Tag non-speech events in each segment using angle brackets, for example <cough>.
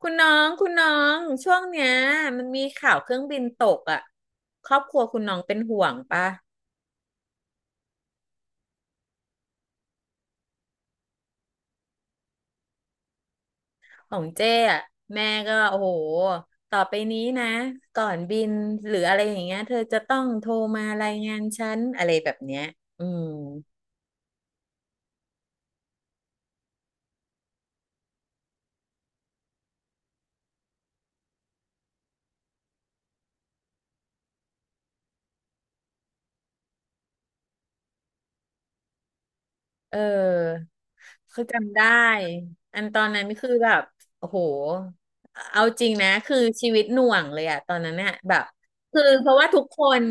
คุณน้องคุณน้องช่วงเนี้ยมันมีข่าวเครื่องบินตกอ่ะครอบครัวคุณน้องเป็นห่วงปะของเจ้อ่ะแม่ก็โอ้โหต่อไปนี้นะก่อนบินหรืออะไรอย่างเงี้ยเธอจะต้องโทรมารายงานฉันอะไรแบบเนี้ยอืมเออ คือจำได้ อันตอนนั้นคือแบบโอ้โหเอาจริงนะ คือชีวิตหน่วงเลยอะตอนนั้นเนี่ยแบบ คือเพราะว่าทุกคน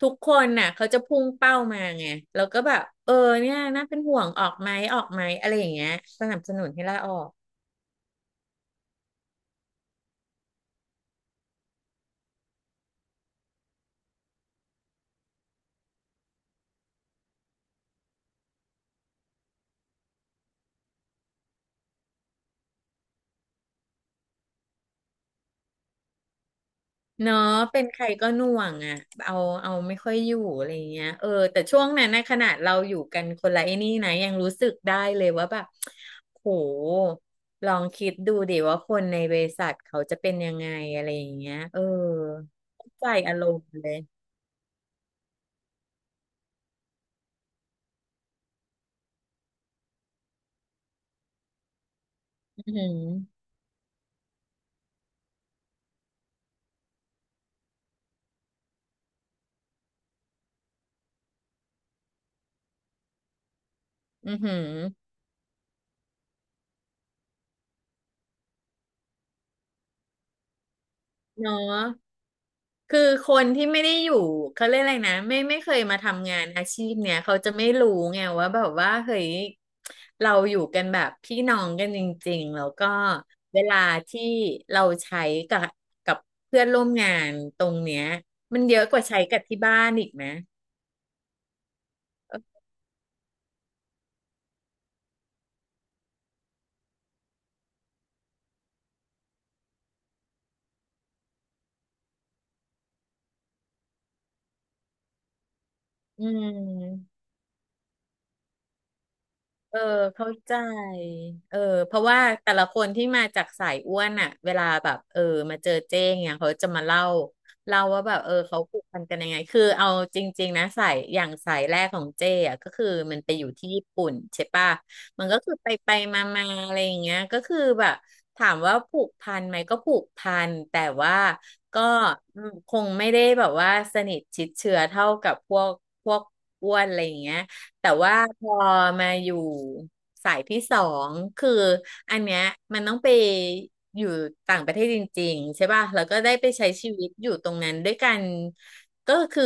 ทุกคนน่ะเขาจะพุ่งเป้ามาไง แล้วก็แบบ เนี่ยน่าเป็นห่วงออกไหมออกไหมอะไรอย่างเงี้ยสนับสนุนให้ลาออก เนาะเป็นใครก็หน่วงอ่ะเอาเอาไม่ค่อยอยู่อะไรเงี้ยเออแต่ช่วงนั้นนะขนาดเราอยู่กันคนละไอ้นี่นะยังรู้สึกได้เลยว่าแบบโหลองคิดดูดิว่าคนในบริษัทเขาจะเป็นยังไงอะไรอย่างเงี้ยเออเข้าใจอารมณ์เลยอือหืออือหือเนาะ คือคนที่ไม่ได้อยู่เขาเรียกอะไรนะไม่เคยมาทำงานอาชีพเนี่ยเขาจะไม่รู้ไงว่าแบบว่าเฮ้ยเราอยู่กันแบบพี่น้องกันจริงๆแล้วก็เวลาที่เราใช้กับกับเพื่อนร่วมงานตรงเนี้ยมันเยอะกว่าใช้กับที่บ้านอีกนะอืม เออเข้าใจเออเพราะว่าแต่ละคนที่มาจากสายอ้วนอ่ะเวลาแบบมาเจอเจ้งเนี่ยเขาจะมาเล่าว่าแบบเออเขาผูกพันกันยังไงคือเอาจริงๆนะสายอย่างสายแรกของเจ้อ่ะก็คือมันไปอยู่ที่ญี่ปุ่นใช่ป่ะมันก็คือไปไปมามาอะไรอย่างเงี้ยก็คือแบบถามว่าผูกพันไหมก็ผูกพันแต่ว่าก็อืมคงไม่ได้แบบว่าสนิทชิดเชื้อเท่ากับพวกอ้วนอะไรอย่างเงี้ย แต่ว่าพอมาอยู่สายที่สองคืออันเนี้ยมันต้องไปอยู่ต่างประเทศจริงๆใช่ป่ะแล้วก็ได้ไปใช้ชีวิตอยู่ตรงนั้นด้วยกันก็คือ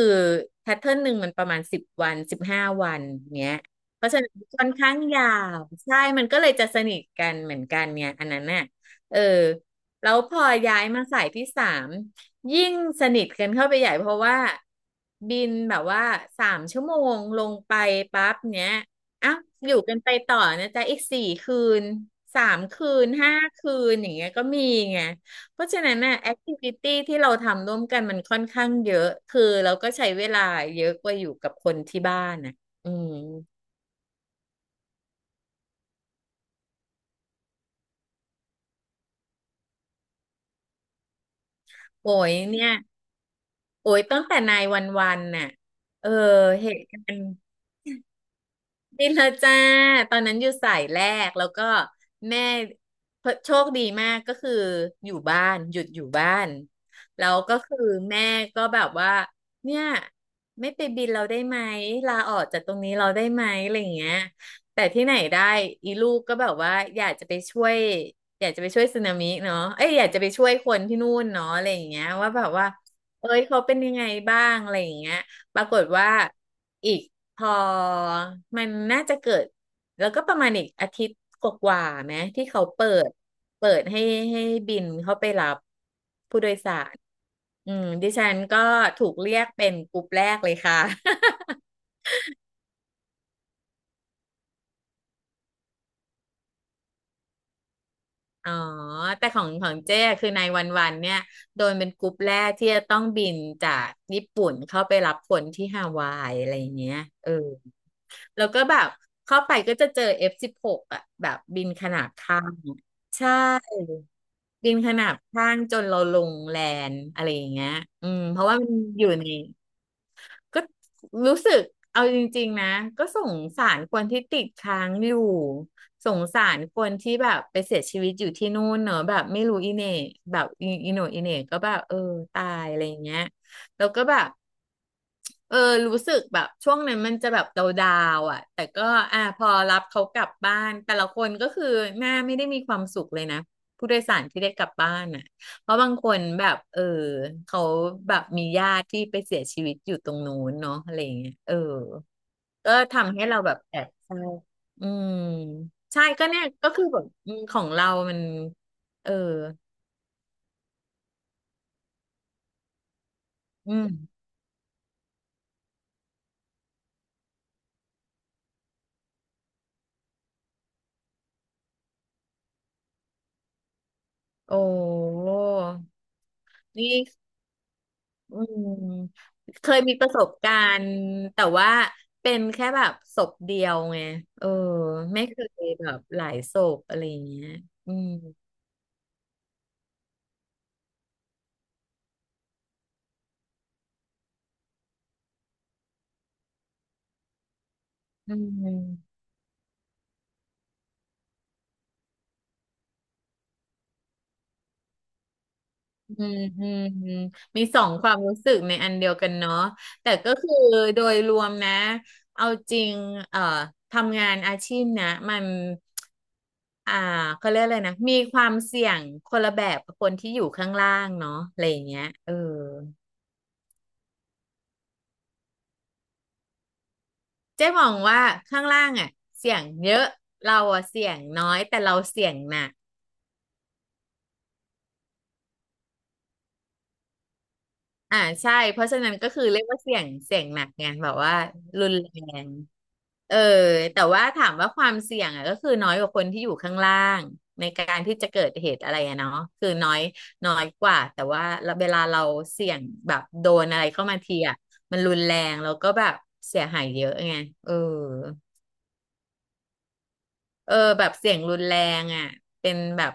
แพทเทิร์นหนึ่งมันประมาณสิบวันสิบห้าวันเนี้ยเพราะฉะนั้นค่อนข้างยาวใช่มันก็เลยจะสนิทกันเหมือนกันเนี่ยอันนั้นน่ะเออแล้วพอย้ายมาสายที่สาม ยิ่งสนิทกันเข้าไปใหญ่เพราะว่าบินแบบว่าสามชั่วโมงลงไปปั๊บเนี้ยอ่ะอยู่กันไปต่อนะจ๊ะอีกสี่คืนสามคืนห้าคืนอย่างเงี้ยก็มีไงเพราะฉะนั้นน่ะแอคทิวิตี้ที่เราทำร่วมกันมันค่อนข้างเยอะคือเราก็ใช้เวลาเยอะกว่าอยู่กับคนที่บ้านน่ะอืมโอ้ยเนี่ยโอ้ยตั้งแต่นายวันวันน่ะเออเหตุการณ์ นี่เธอจ้าตอนนั้นอยู่สายแรกแล้วก็แม่โชคดีมากก็คืออยู่บ้านหยุดอยู่บ้าน แล้วก็คือแม่ก็แบบว่าเนี่ยไม่ไปบินเราได้ไหมลาออกจากตรงนี้เราได้ไหมอะไรอย่างเงี้ย แต่ที่ไหนได้อีลูกก็แบบว่าอยากจะไปช่วยอยากจะไปช่วยสึนามิเนาะเอ้ยอยากจะไปช่วยคนที่นู่นเนาะอะไรอย่างเงี้ยว่าแบบว่าเอ้ยเขาเป็นยังไงบ้างอะไรอย่างเงี้ยปรากฏว่าอีก พอมันน่าจะเกิดแล้วก็ประมาณอีกอาทิตย์กว่าๆไหมที่เขาเปิดให้ให้บินเข้าไปรับผู้โดยสารอืมดิฉันก็ถูกเรียกเป็นกลุ่มแรกเลยค่ะ <laughs> อ๋อแต่ของเจ้คือในวันวันเนี่ยโดนเป็นกลุ่มแรกที่จะต้องบินจากญี่ปุ่นเข้าไปรับคนที่ฮาวายอะไรอย่างเงี้ยเออแล้วก็แบบเข้าไปก็จะเจอ F16 อฟสิบหกอ่ะแบบบินขนาบข้างใช่ ดินขนาบข้างจนเราลงแลนด์อะไรอย่างเงี้ยอืมเพราะว่ามันอยู่ในก็รู้สึกเอาจริงๆนะก็สงสารคนที่ติดค้างอยู่สงสารคนที่แบบไปเสียชีวิตอยู่ที่นู่นเนอะแบบไม่รู้อีเหน่แบบอีโหน่อีเหน่ก็แบบเออตายอะไรอย่างเงี้ยแล้วก็แบบ เออรู้สึกแบบช่วงนั้นมันจะแบบดาวๆอ่ะแต่ก็อ่ะพอรับเขากลับบ้านแต่ละคนก็คือหน้าไม่ได้มีความสุขเลยนะผู้โดยสารที่ได้กลับบ้านอ่ะเพราะบางคนแบบเออเขาแบบมีญาติที่ไปเสียชีวิตอยู่ตรงนู้นเนาะอะไรอย่างเงี้ยเออก็ทำให้เราแบบแอบเศร้าอืมใช่ก็เนี่ยก็คือแบบอืมของเรามันเอออืมโอ้นี่ อืมเคยมีประสบการณ์แต่ว่าเป็นแค่แบบศพเดียวไงเออไม่เคยแบบหลายศพอะไรอย่างเงี้ยอืมอืมอืมอืมอืมมีสองความรู้สึกในอันเดียวกันเนาะแต่ก็คือโดยรวมนะเอาจริงเอ่อทำงานอาชีพนะมันอ่าเขาเรียกอะไรนะมีความเสี่ยงคนละแบบกับคนที่อยู่ข้างล่างเนาะอะไรอย่างเงี้ยเออ เจ๊มองว่าข้างล่างอ่ะเสี่ยงเยอะเราอ่ะเสี่ยงน้อยแต่เราเสี่ยงหนักอ่าใช่เพราะฉะนั้นก็คือเรียกว่าเสี่ยงหนักไงแบบว่ารุนแรงเออแต่ว่าถามว่าความเสี่ยงอ่ะก็คือน้อยกว่าคนที่อยู่ข้างล่างในการที่จะเกิดเหตุอะไรอะเนาะคือน้อยน้อยกว่าแต่ว่าเวลาเราเสี่ยงแบบโดนอะไรเข้ามาทีอ่ะมันรุนแรงแล้วก็แบบเสียหายเยอะไงเออ เออแบบเสียงรุนแรงอ่ะเป็นแบบ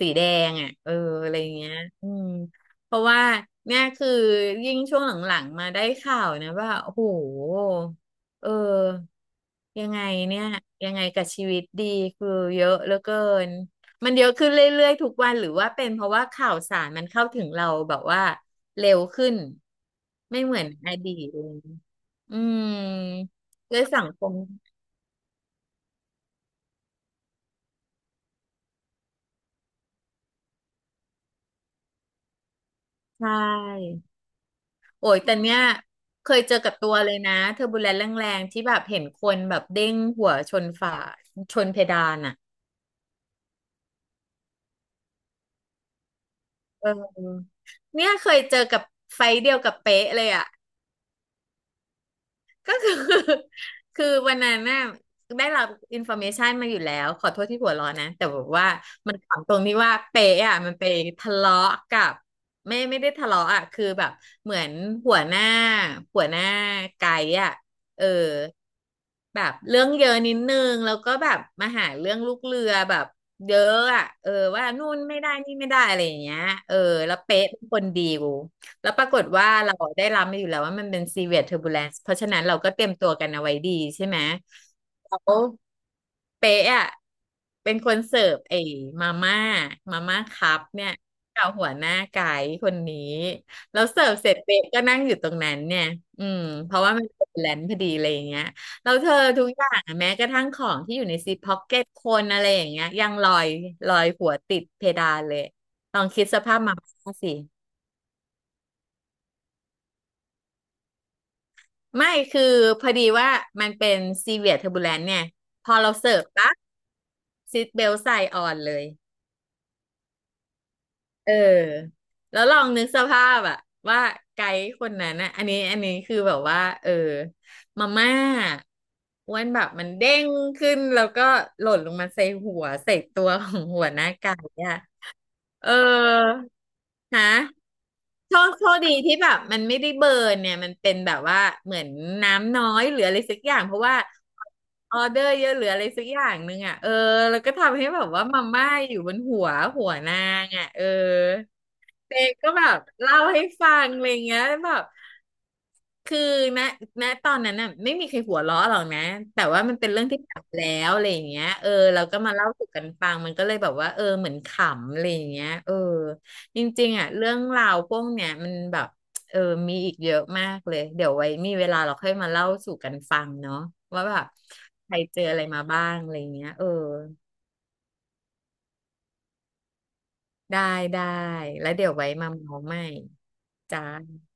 สีแดงอ่ะเอออะไรอย่างเงี้ยอืมเพราะว่าเนี่ยคือยิ่งช่วงหลังๆมาได้ข่าวนะว่าโอ้โหเออยังไงเนี่ยยังไงกับชีวิตดีคือเยอะเหลือเกินมันเยอะขึ้นเรื่อยๆทุกวันหรือว่าเป็นเพราะว่าข่าวสารมันเข้าถึงเราแบบว่าเร็วขึ้นไม่เหมือนอดีตเลยอืมด้วยสังคมใช่ โอ้ยแต่เนี้ยเคยเจอกับตัวเลยนะเทอร์บูเลนต์แรงๆที่แบบเห็นคนแบบเด้งหัวชนฝาชนเพดานอ่ะเออเนี่ยเคยเจอกับไฟท์เดียวกับเป๊ะเลยอ่ะ ก็คือ <laughs> คือวันนั้นน่ะได้รับอินฟ r m เมชันมาอยู่แล้วขอโทษที่หัวเร้อนนะแต่แบบว่ามันขำตรงที่ว่าเป๊ะอ่ะมันไปทะเลาะกับไม่ได้ทะเลาะอ่ะคือแบบเหมือนหัวหน้าหัวหน้าไกด์อ่ะเออแบบเรื่องเยอะนิดนึงแล้วก็แบบมาหาเรื่องลูกเรือแบบเยอะอ่ะเออว่านู่นไม่ได้นี่ไม่ได้อะไรอย่างเงี้ยเออแล้วเป๊ะเป็นคนดีกู แล้วปรากฏว่าเราได้รับมาอยู่แล้วว่ามันเป็น severe turbulence เพราะฉะนั้นเราก็เตรียมตัวกันเอาไว้ดีใช่ไหมแล้วเป๊ะอ่ะเป็นคนเสิร์ฟไอ้มาม่ามาม่าคัพเนี่ยกับหัวหน้าไกด์คนนี้แล้วเสิร์ฟเสร็จเป๊ะก็นั่งอยู่ตรงนั้นเนี่ยอืมเพราะว่ามันเป็นแลนพอดีอะไรอย่างเงี้ยแล้วเธอทุกอย่างอะแม้กระทั่งของที่อยู่ในซิปพ็อกเก็ตคนอะไรอย่างเงี้ยยังลอยหัวติดเพดานเลยลองคิดสภาพมาม่าสิ ไม่คือพอดีว่ามันเป็นซีเวียเทอร์บูแลนเนี่ยพอเราเสิร์ฟปั๊บซีทเบลใส่ออนเลยเออแล้วลองนึกสภาพอะว่าไกด์คนนั้นนะอันนี้คือแบบว่าเออมาม่าอ้วนแบบมันเด้งขึ้นแล้วก็หล่นลงมาใส่หัวใส่ตัวของหัวหน้าไก่อะ เออฮะโชคดีที่แบบมันไม่ได้เบิร์นเนี่ยมันเป็นแบบว่าเหมือนน้ำน้อยหรืออะไรสักอย่างเพราะว่าออเดอร์เยอะหรืออะไรสักอย่างหนึงอ่ะเออแล้วก็ทำให้แบบว่ามาม่าอยู่บนหัวหัวนางอ่ะเออเด็กก็แบบเล่าให้ฟังอะไรเงี้ยแบบ คือณณตอนนั้นน่ะไม่มีใครหัวเราะหรอกนะแต่ว่ามันเป็นเรื่องที่ผ่านมาแล้วอะไรอย่างเงี้ยเออเราก็มาเล่าสู่กันฟังมันก็เลยแบบว่าเออเหมือนขำอะไรอย่างเงี้ยเออจริงๆอ่ะเรื่องราวพวกเนี้ยมันแบบเออมีอีกเยอะมากเลยเดี๋ยวไว้มีเวลาเราค่อยมาเล่าสู่กันฟังเนาะว่าแบบใครเจออะไรมาบ้างอะไรอย่างเงี้ยเออได้ได้แล้วเดี๋ยวไว้มาเมาใหม่จ้า